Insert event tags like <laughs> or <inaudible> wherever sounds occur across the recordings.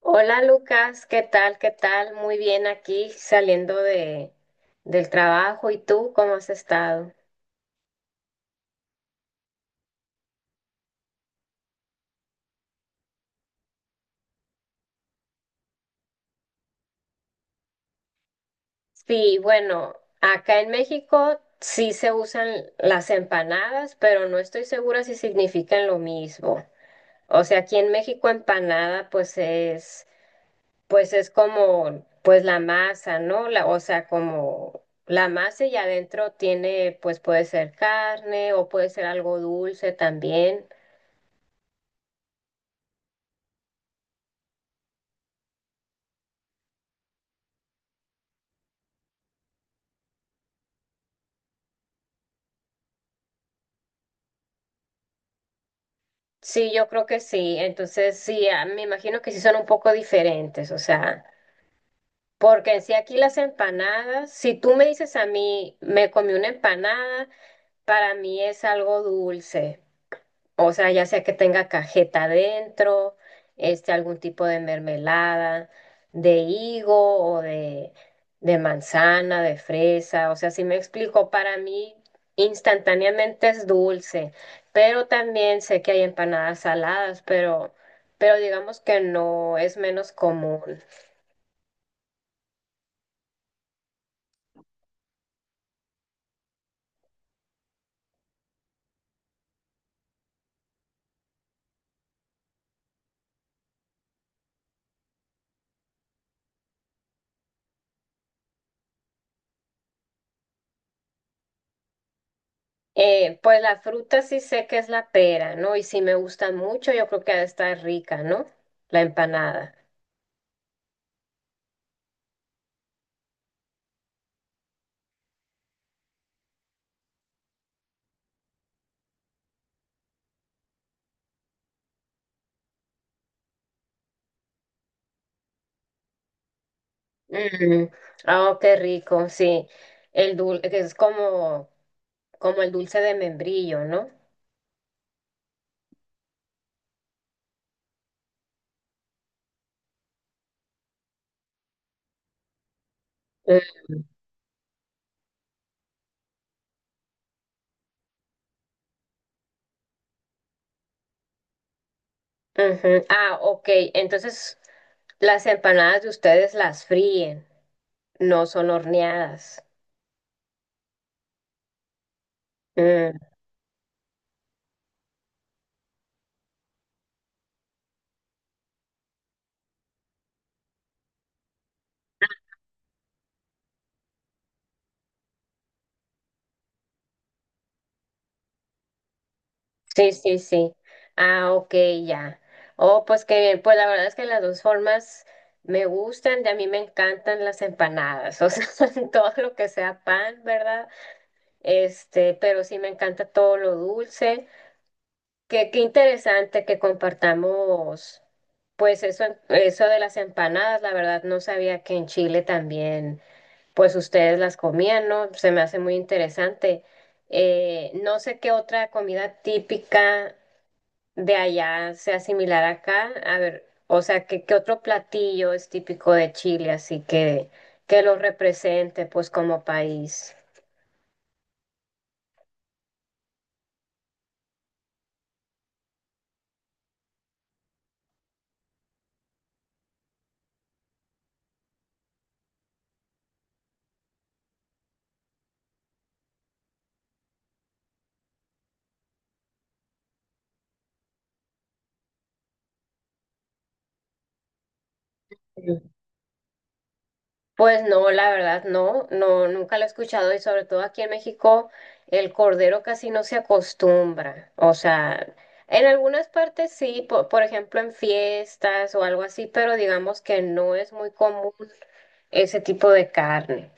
Hola Lucas, ¿qué tal? ¿Qué tal? Muy bien aquí saliendo de, del trabajo. ¿Y tú cómo has estado? Sí, bueno, acá en México sí se usan las empanadas, pero no estoy segura si significan lo mismo. O sea, aquí en México empanada pues es como pues la masa, ¿no? La, o sea, como la masa y adentro tiene pues puede ser carne o puede ser algo dulce también. Sí, yo creo que sí. Entonces, sí, me imagino que sí son un poco diferentes, o sea, porque en sí aquí las empanadas, si tú me dices a mí, me comí una empanada, para mí es algo dulce. O sea, ya sea que tenga cajeta adentro, algún tipo de mermelada, de higo o de manzana, de fresa. O sea, si me explico, para mí instantáneamente es dulce, pero también sé que hay empanadas saladas, pero digamos que no es menos común. Pues la fruta sí sé que es la pera, ¿no? Y si me gusta mucho, yo creo que ha de estar rica, ¿no? La empanada. Mm, oh, qué rico, sí. El dulce, que es como, como el dulce de membrillo, ¿no? Mm, ujú. Ah, ok. Entonces, las empanadas de ustedes las fríen, no son horneadas. Mm, sí, sí, sí. Ah, ok, ya. Oh, pues qué bien. Pues la verdad es que las dos formas me gustan, de a mí me encantan las empanadas, o sea, <laughs> todo lo que sea pan, ¿verdad? Pero sí me encanta todo lo dulce. Qué, qué interesante que compartamos, pues eso de las empanadas, la verdad no sabía que en Chile también, pues ustedes las comían, ¿no? Se me hace muy interesante. No sé qué otra comida típica de allá sea similar acá. A ver, o sea, qué, qué otro platillo es típico de Chile, así que lo represente, pues como país. Pues no, la verdad no, no, nunca lo he escuchado y sobre todo aquí en México el cordero casi no se acostumbra. O sea, en algunas partes sí, po- por, ejemplo en fiestas o algo así, pero digamos que no es muy común ese tipo de carne.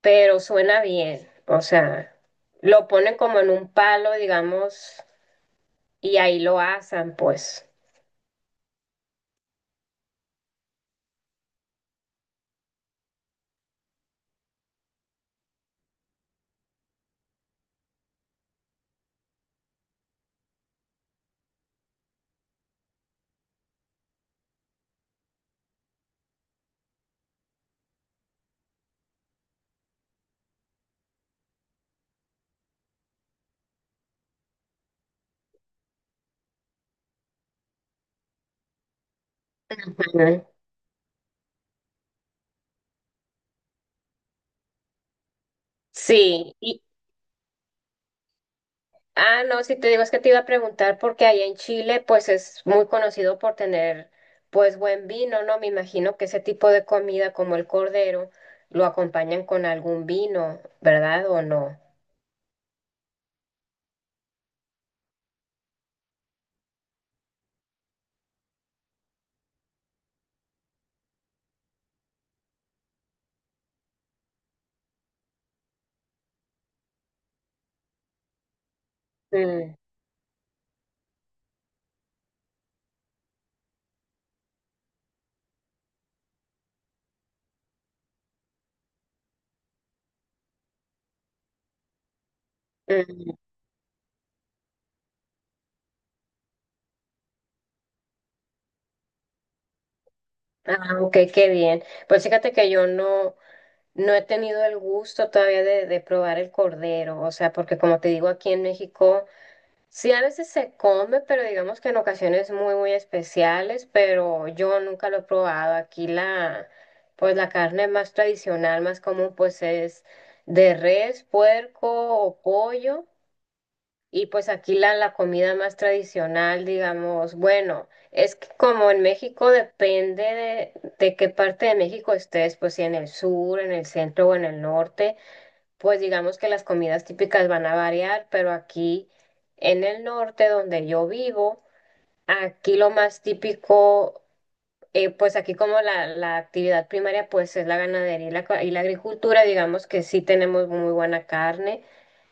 Pero suena bien, o sea, lo ponen como en un palo, digamos, y ahí lo asan, pues. Ujú. Sí, ah, no, si te digo es que te iba a preguntar porque allá en Chile pues es muy conocido por tener pues buen vino, ¿no? Me imagino que ese tipo de comida como el cordero lo acompañan con algún vino, ¿verdad? ¿O no? Mm, mm. Ah, ok, qué bien. Pues fíjate que yo no, no he tenido el gusto todavía de probar el cordero, o sea, porque como te digo, aquí en México. Sí, a veces se come, pero digamos que en ocasiones muy, muy especiales, pero yo nunca lo he probado. Aquí la, pues la carne más tradicional, más común, pues es de res, puerco o pollo. Y pues aquí la, la comida más tradicional, digamos, bueno, es que como en México depende de qué parte de México estés, pues si en el sur, en el centro o en el norte. Pues digamos que las comidas típicas van a variar, pero aquí en el norte donde yo vivo, aquí lo más típico, pues aquí como la actividad primaria pues es la ganadería y la, co- y la agricultura, digamos que sí tenemos muy buena carne,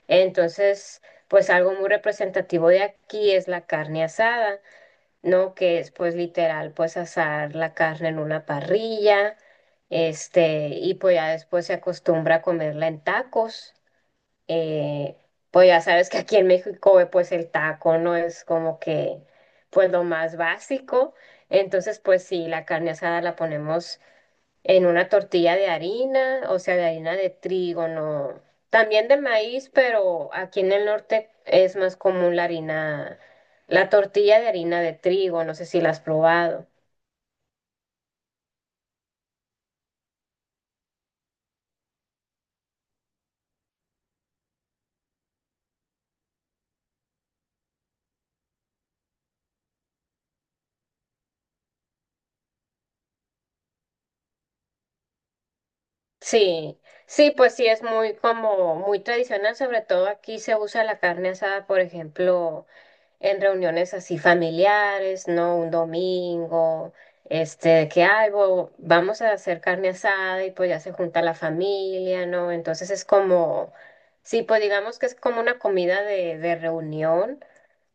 entonces pues algo muy representativo de aquí es la carne asada, ¿no? Que es pues literal pues asar la carne en una parrilla, este, y pues ya después se acostumbra a comerla en tacos. Eh, pues ya sabes que aquí en México, pues el taco no es como que, pues lo más básico. Entonces, pues sí, la carne asada la ponemos en una tortilla de harina, o sea, de harina de trigo, no. También de maíz, pero aquí en el norte es más común la harina, la tortilla de harina de trigo, no sé si la has probado. Sí, sí, pues sí, es muy como muy tradicional, sobre todo aquí se usa la carne asada, por ejemplo. En reuniones así familiares, ¿no? Un domingo, este, que algo, vamos a hacer carne asada y pues ya se junta la familia, ¿no? Entonces es como, sí, pues digamos que es como una comida de reunión,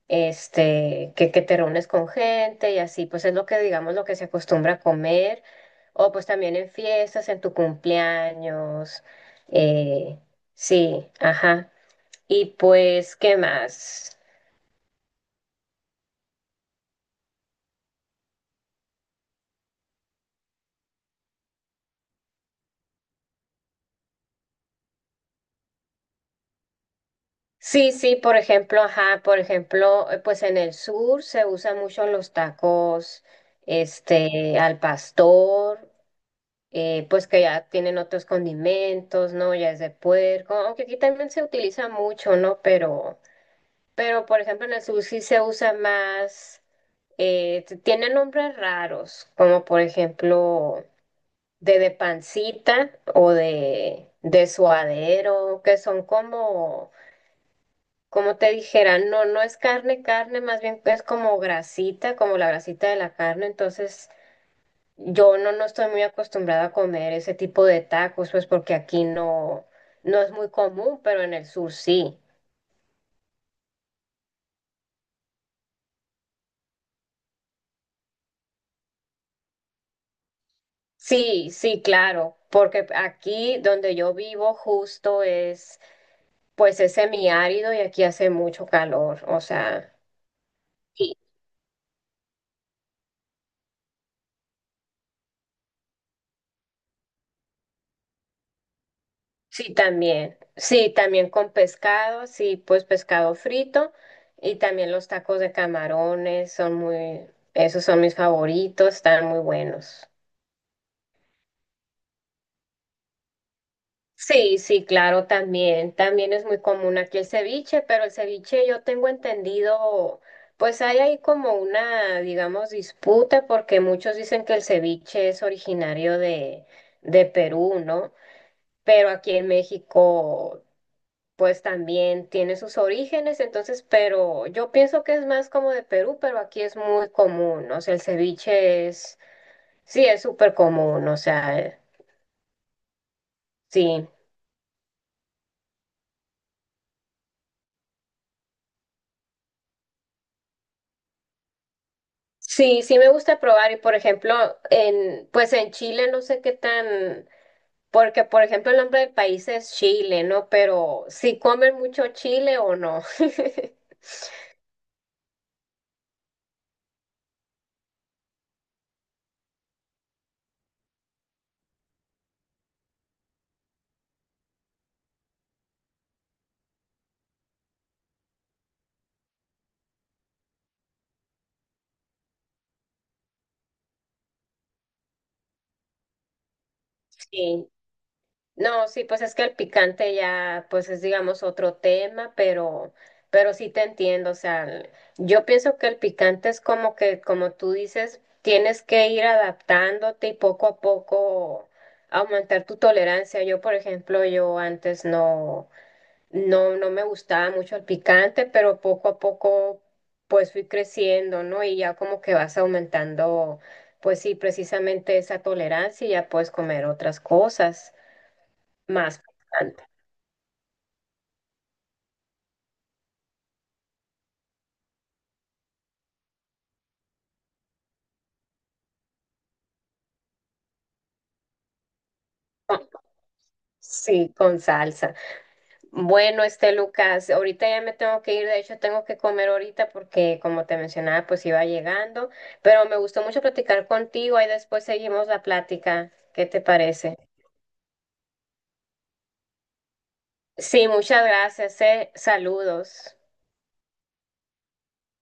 este, que te reúnes con gente y así, pues es lo que digamos lo que se acostumbra a comer, o pues también en fiestas, en tu cumpleaños, eh, sí, ajá. Y pues, ¿qué más? Sí, sí, por ejemplo, ajá, por ejemplo, pues en el sur se usan mucho los tacos, al pastor, pues que ya tienen otros condimentos, ¿no? Ya es de puerco, aunque aquí también se utiliza mucho, ¿no? Pero por ejemplo, en el sur sí se usa más, t- tiene nombres raros, como por ejemplo de pancita o de suadero, que son como como te dijera, no, no es carne, carne, más bien es como grasita, como la grasita de la carne, entonces yo no, no estoy muy acostumbrada a comer ese tipo de tacos, pues porque aquí no, no es muy común, pero en el sur sí. Sí, sí, claro, porque aquí donde yo vivo justo es, pues es semiárido y aquí hace mucho calor, o sea, y sí, también. Sí, también con pescado, sí, pues pescado frito y también los tacos de camarones son muy, esos son mis favoritos, están muy buenos. Sí, sí, claro, también. También es muy común aquí el ceviche, pero el ceviche yo tengo entendido, pues hay ahí como una, digamos, disputa porque muchos dicen que el ceviche es originario de Perú, ¿no? Pero aquí en México pues también tiene sus orígenes, entonces, pero yo pienso que es más como de Perú, pero aquí es muy común, o sea, el ceviche es, sí, es súper común, o sea, sí, sí, sí me gusta probar y, por ejemplo, en, pues en Chile no sé qué tan, porque, por ejemplo, el nombre del país es Chile, ¿no? Pero si comen mucho chile o no. <laughs> Sí, no, sí, pues es que el picante ya, pues es digamos otro tema, pero sí te entiendo, o sea, el- yo pienso que el picante es como que, como tú dices, tienes que ir adaptándote y poco a poco aumentar tu tolerancia. Yo, por ejemplo, yo antes no, no, no me gustaba mucho el picante, pero poco a poco pues fui creciendo, ¿no? Y ya como que vas aumentando, pues sí, precisamente esa tolerancia y ya puedes comer otras cosas. Más picante. Con- sí, con salsa. Bueno, este Lucas, ahorita ya me tengo que ir, de hecho tengo que comer ahorita porque como te mencionaba, pues iba llegando, pero me gustó mucho platicar contigo, ahí después seguimos la plática. ¿Qué te parece? Sí, muchas gracias, eh. Saludos.